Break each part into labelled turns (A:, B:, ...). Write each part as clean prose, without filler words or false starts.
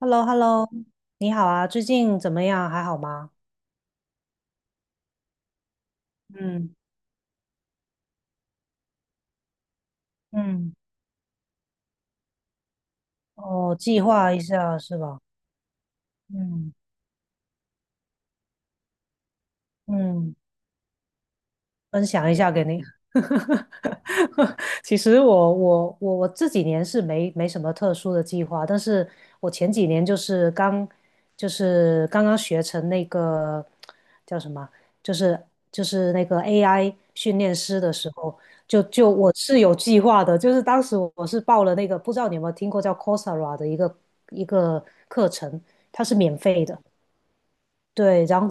A: h e l l o h e l l o 你好啊，最近怎么样？还好吗？嗯嗯哦，计划一下是吧？嗯嗯，分享一下给你。其实我这几年是没什么特殊的计划，但是我前几年就是刚刚学成那个叫什么，就是就是那个 AI 训练师的时候，就我是有计划的，就是当时我是报了那个不知道你有没有听过叫 Coursera 的一个课程，它是免费的。对，然后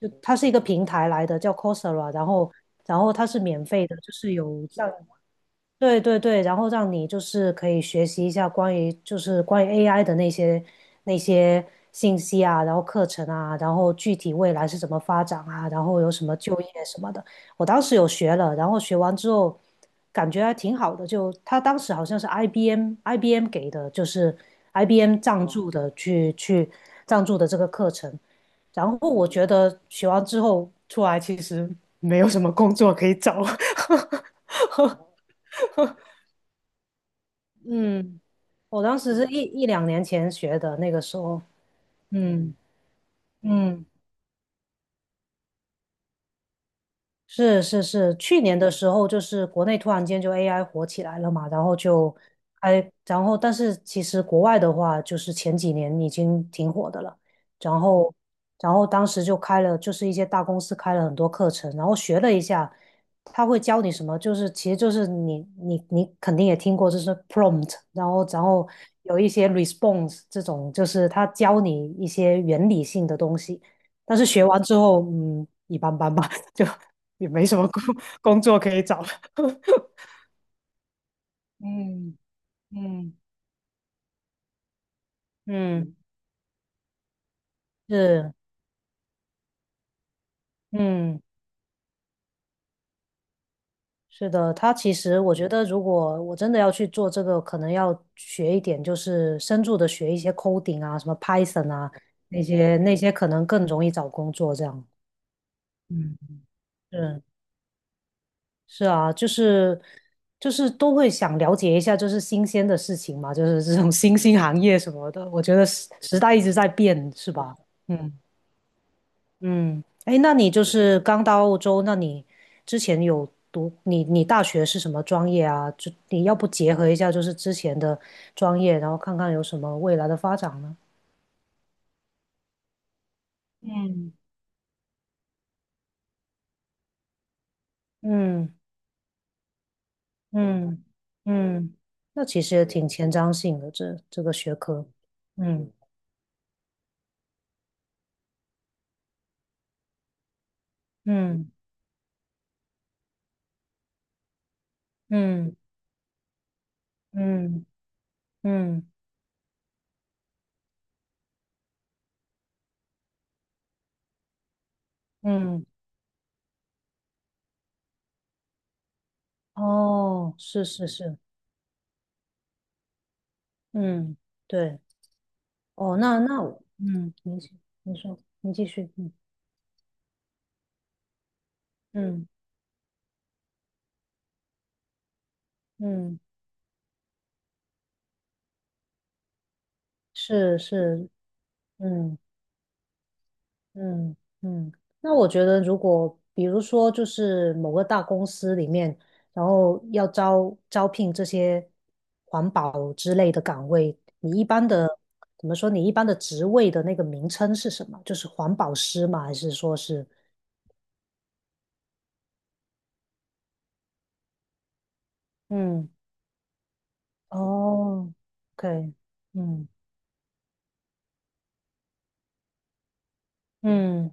A: 就它是一个平台来的，叫 Coursera，然后它是免费的，就是有像对对对，然后让你就是可以学习一下关于 AI 的那些信息啊，然后课程啊，然后具体未来是怎么发展啊，然后有什么就业什么的。我当时有学了，然后学完之后感觉还挺好的，就他当时好像是 IBM 给的，就是 IBM 赞助的这个课程。然后我觉得学完之后出来其实没有什么工作可以找。嗯，我当时是一两年前学的，那个时候，嗯嗯。是是是，去年的时候就是国内突然间就 AI 火起来了嘛，然后就哎，然后但是其实国外的话，就是前几年已经挺火的了，然后然后当时就开了，就是一些大公司开了很多课程，然后学了一下，他会教你什么，就是其实就是你肯定也听过，就是 prompt，然后有一些 response 这种，就是他教你一些原理性的东西，但是学完之后，嗯，一般般吧。就也没什么工作可以找。嗯嗯嗯，嗯是，嗯，是的，他其实我觉得，如果我真的要去做这个，可能要学一点，就是深入的学一些 coding 啊，什么 Python 啊，那些可能更容易找工作这样。嗯，是是啊，就是都会想了解一下，就是新鲜的事情嘛，就是这种新兴行业什么的，我觉得时代一直在变，是吧？嗯。嗯，哎，那你就是刚到澳洲，那你之前有读你你大学是什么专业啊？就你要不结合一下就是之前的专业，然后看看有什么未来的发展呢？嗯，嗯嗯嗯，那其实也挺前瞻性的，这个学科。嗯嗯嗯嗯嗯嗯，哦，是是是，嗯，对，哦，那我您请，您说，您继续，嗯嗯。嗯，是是，嗯嗯嗯。那我觉得，如果比如说，就是某个大公司里面，然后要招聘这些环保之类的岗位，你一般的怎么说？你一般的职位的那个名称是什么？就是环保师吗？还是说是？嗯，哦，OK，嗯嗯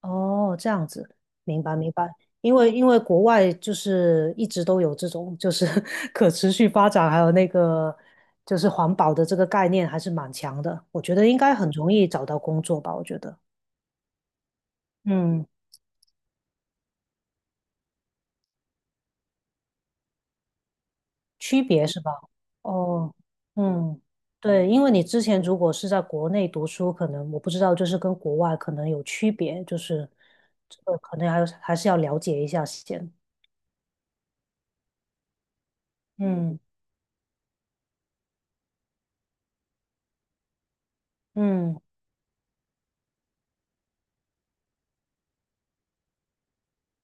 A: 哦，这样子，明白明白。因为国外就是一直都有这种就是 可持续发展，还有那个就是环保的这个概念还是蛮强的，我觉得应该很容易找到工作吧，我觉得。嗯，区别是吧？哦，嗯，对，因为你之前如果是在国内读书，可能我不知道，就是跟国外可能有区别，就是这个可能还还是要了解一下先。嗯嗯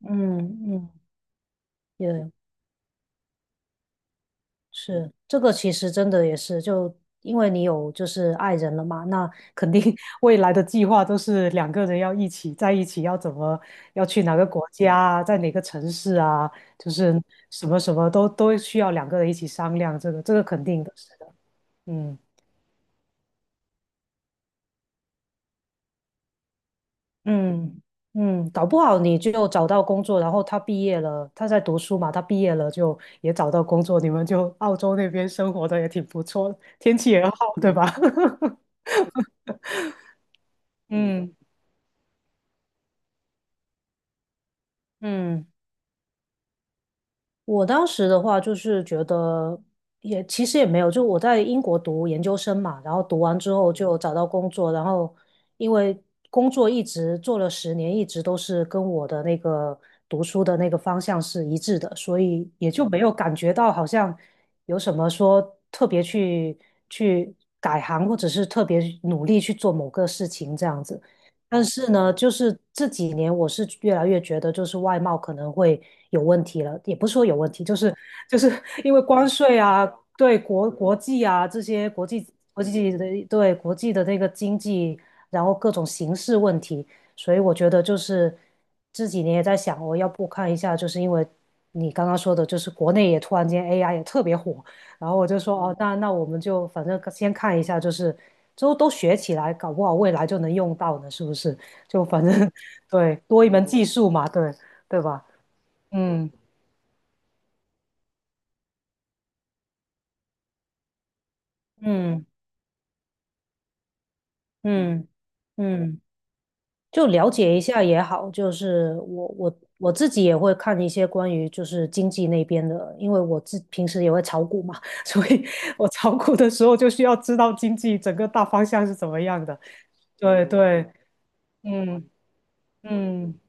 A: 嗯嗯，也是，这个其实真的也是，就因为你有就是爱人了嘛，那肯定 未来的计划都是两个人要一起在一起，要怎么要去哪个国家啊在哪个城市啊，就是什么什么都需要两个人一起商量，这个这个肯定的，是的，嗯嗯嗯，搞不好你就找到工作，然后他毕业了，他在读书嘛，他毕业了就也找到工作，你们就澳洲那边生活的也挺不错，天气也好，对吧？嗯嗯。我当时的话就是觉得也其实也没有，就我在英国读研究生嘛，然后读完之后就找到工作，然后因为工作一直做了10年，一直都是跟我的那个读书的那个方向是一致的，所以也就没有感觉到好像有什么说特别去改行，或者是特别努力去做某个事情这样子。但是呢，就是这几年我是越来越觉得，就是外贸可能会有问题了，也不是说有问题，就是 因为关税啊，对国际啊这些国际的对国际的那个经济，然后各种形势问题，所以我觉得就是这几年也在想，我要不看一下，就是因为你刚刚说的，就是国内也突然间 AI 也特别火，然后我就说，哦，那那我们就反正先看一下，就是之后都学起来，搞不好未来就能用到呢，是不是？就反正 对，多一门技术嘛，对对吧？嗯嗯嗯嗯，就了解一下也好。就是我我我自己也会看一些关于就是经济那边的，因为我自平时也会炒股嘛，所以我炒股的时候就需要知道经济整个大方向是怎么样的。对对，嗯嗯。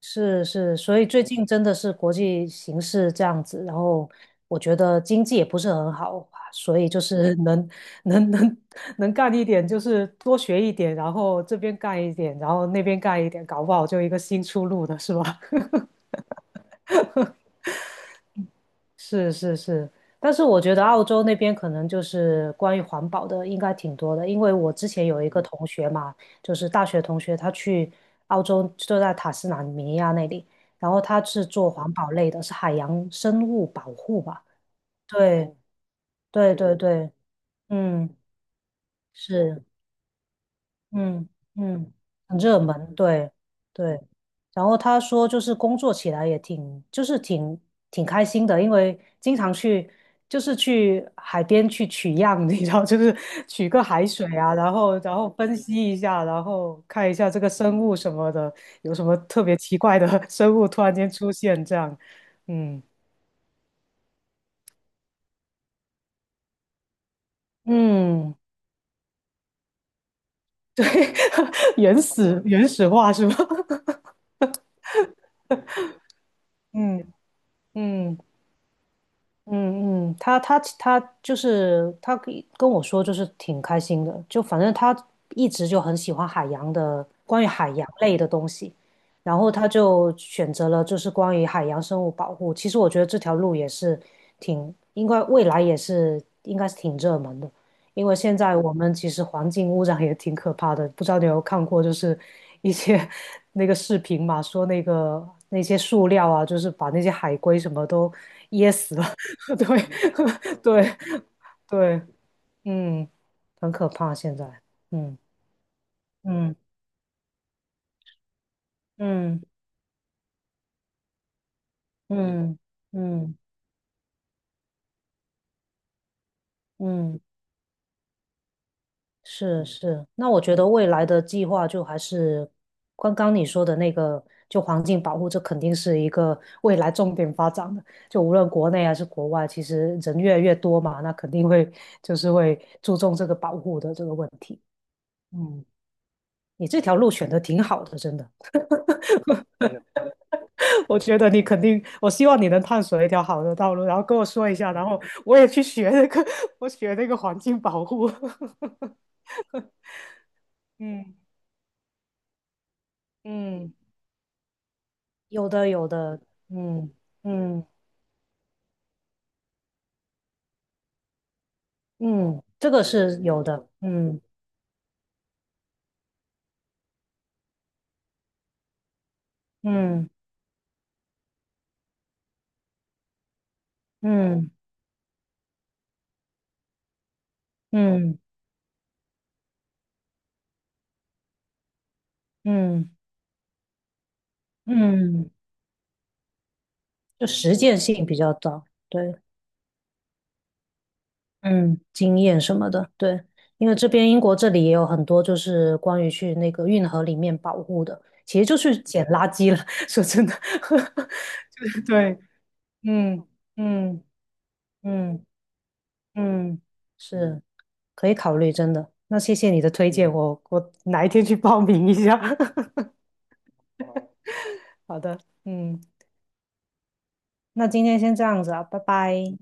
A: 是是，所以最近真的是国际形势这样子，然后我觉得经济也不是很好，所以就是能能能干一点，就是多学一点，然后这边干一点，然后那边干一点，搞不好就一个新出路的是吧？是是是，但是我觉得澳洲那边可能就是关于环保的应该挺多的，因为我之前有一个同学嘛，就是大学同学，他去澳洲就在塔斯马尼亚那里，然后他是做环保类的，是海洋生物保护吧？对对对对，对，嗯，是。嗯嗯，很热门，对对。然后他说，就是工作起来也挺，就是挺开心的，因为经常去，就是去海边去取样，你知道，就是取个海水啊，然后然后分析一下，然后看一下这个生物什么的，有什么特别奇怪的 生物突然间出现，这样，嗯嗯，对，原始化是吗？嗯嗯。嗯嗯，他就是他跟我说，就是挺开心的，就反正他一直就很喜欢海洋的，关于海洋类的东西，然后他就选择了就是关于海洋生物保护。其实我觉得这条路也是挺，应该未来也是应该是挺热门的，因为现在我们其实环境污染也挺可怕的，不知道你有没有看过，就是一些 那个视频嘛，说那个那些塑料啊，就是把那些海龟什么都噎死了。对 对对，嗯，很可怕现在，嗯嗯嗯嗯嗯嗯，是是。那我觉得未来的计划就还是刚刚你说的那个，就环境保护，这肯定是一个未来重点发展的。就无论国内还是国外，其实人越来越多嘛，那肯定会就是会注重这个保护的这个问题。嗯，你这条路选的挺好的，真的。我觉得你肯定，我希望你能探索一条好的道路，然后跟我说一下，然后我也去学那个，我学那个环境保护。嗯嗯，有的有的，嗯嗯嗯，这个是有的，嗯嗯嗯嗯嗯嗯嗯，就实践性比较高，对。嗯，经验什么的，对，因为这边英国这里也有很多就是关于去那个运河里面保护的，其实就是捡垃圾了。说真的，就是对，嗯嗯嗯嗯，是可以考虑，真的。那谢谢你的推荐，我我哪一天去报名一下。好的，嗯，那今天先这样子啊，拜拜。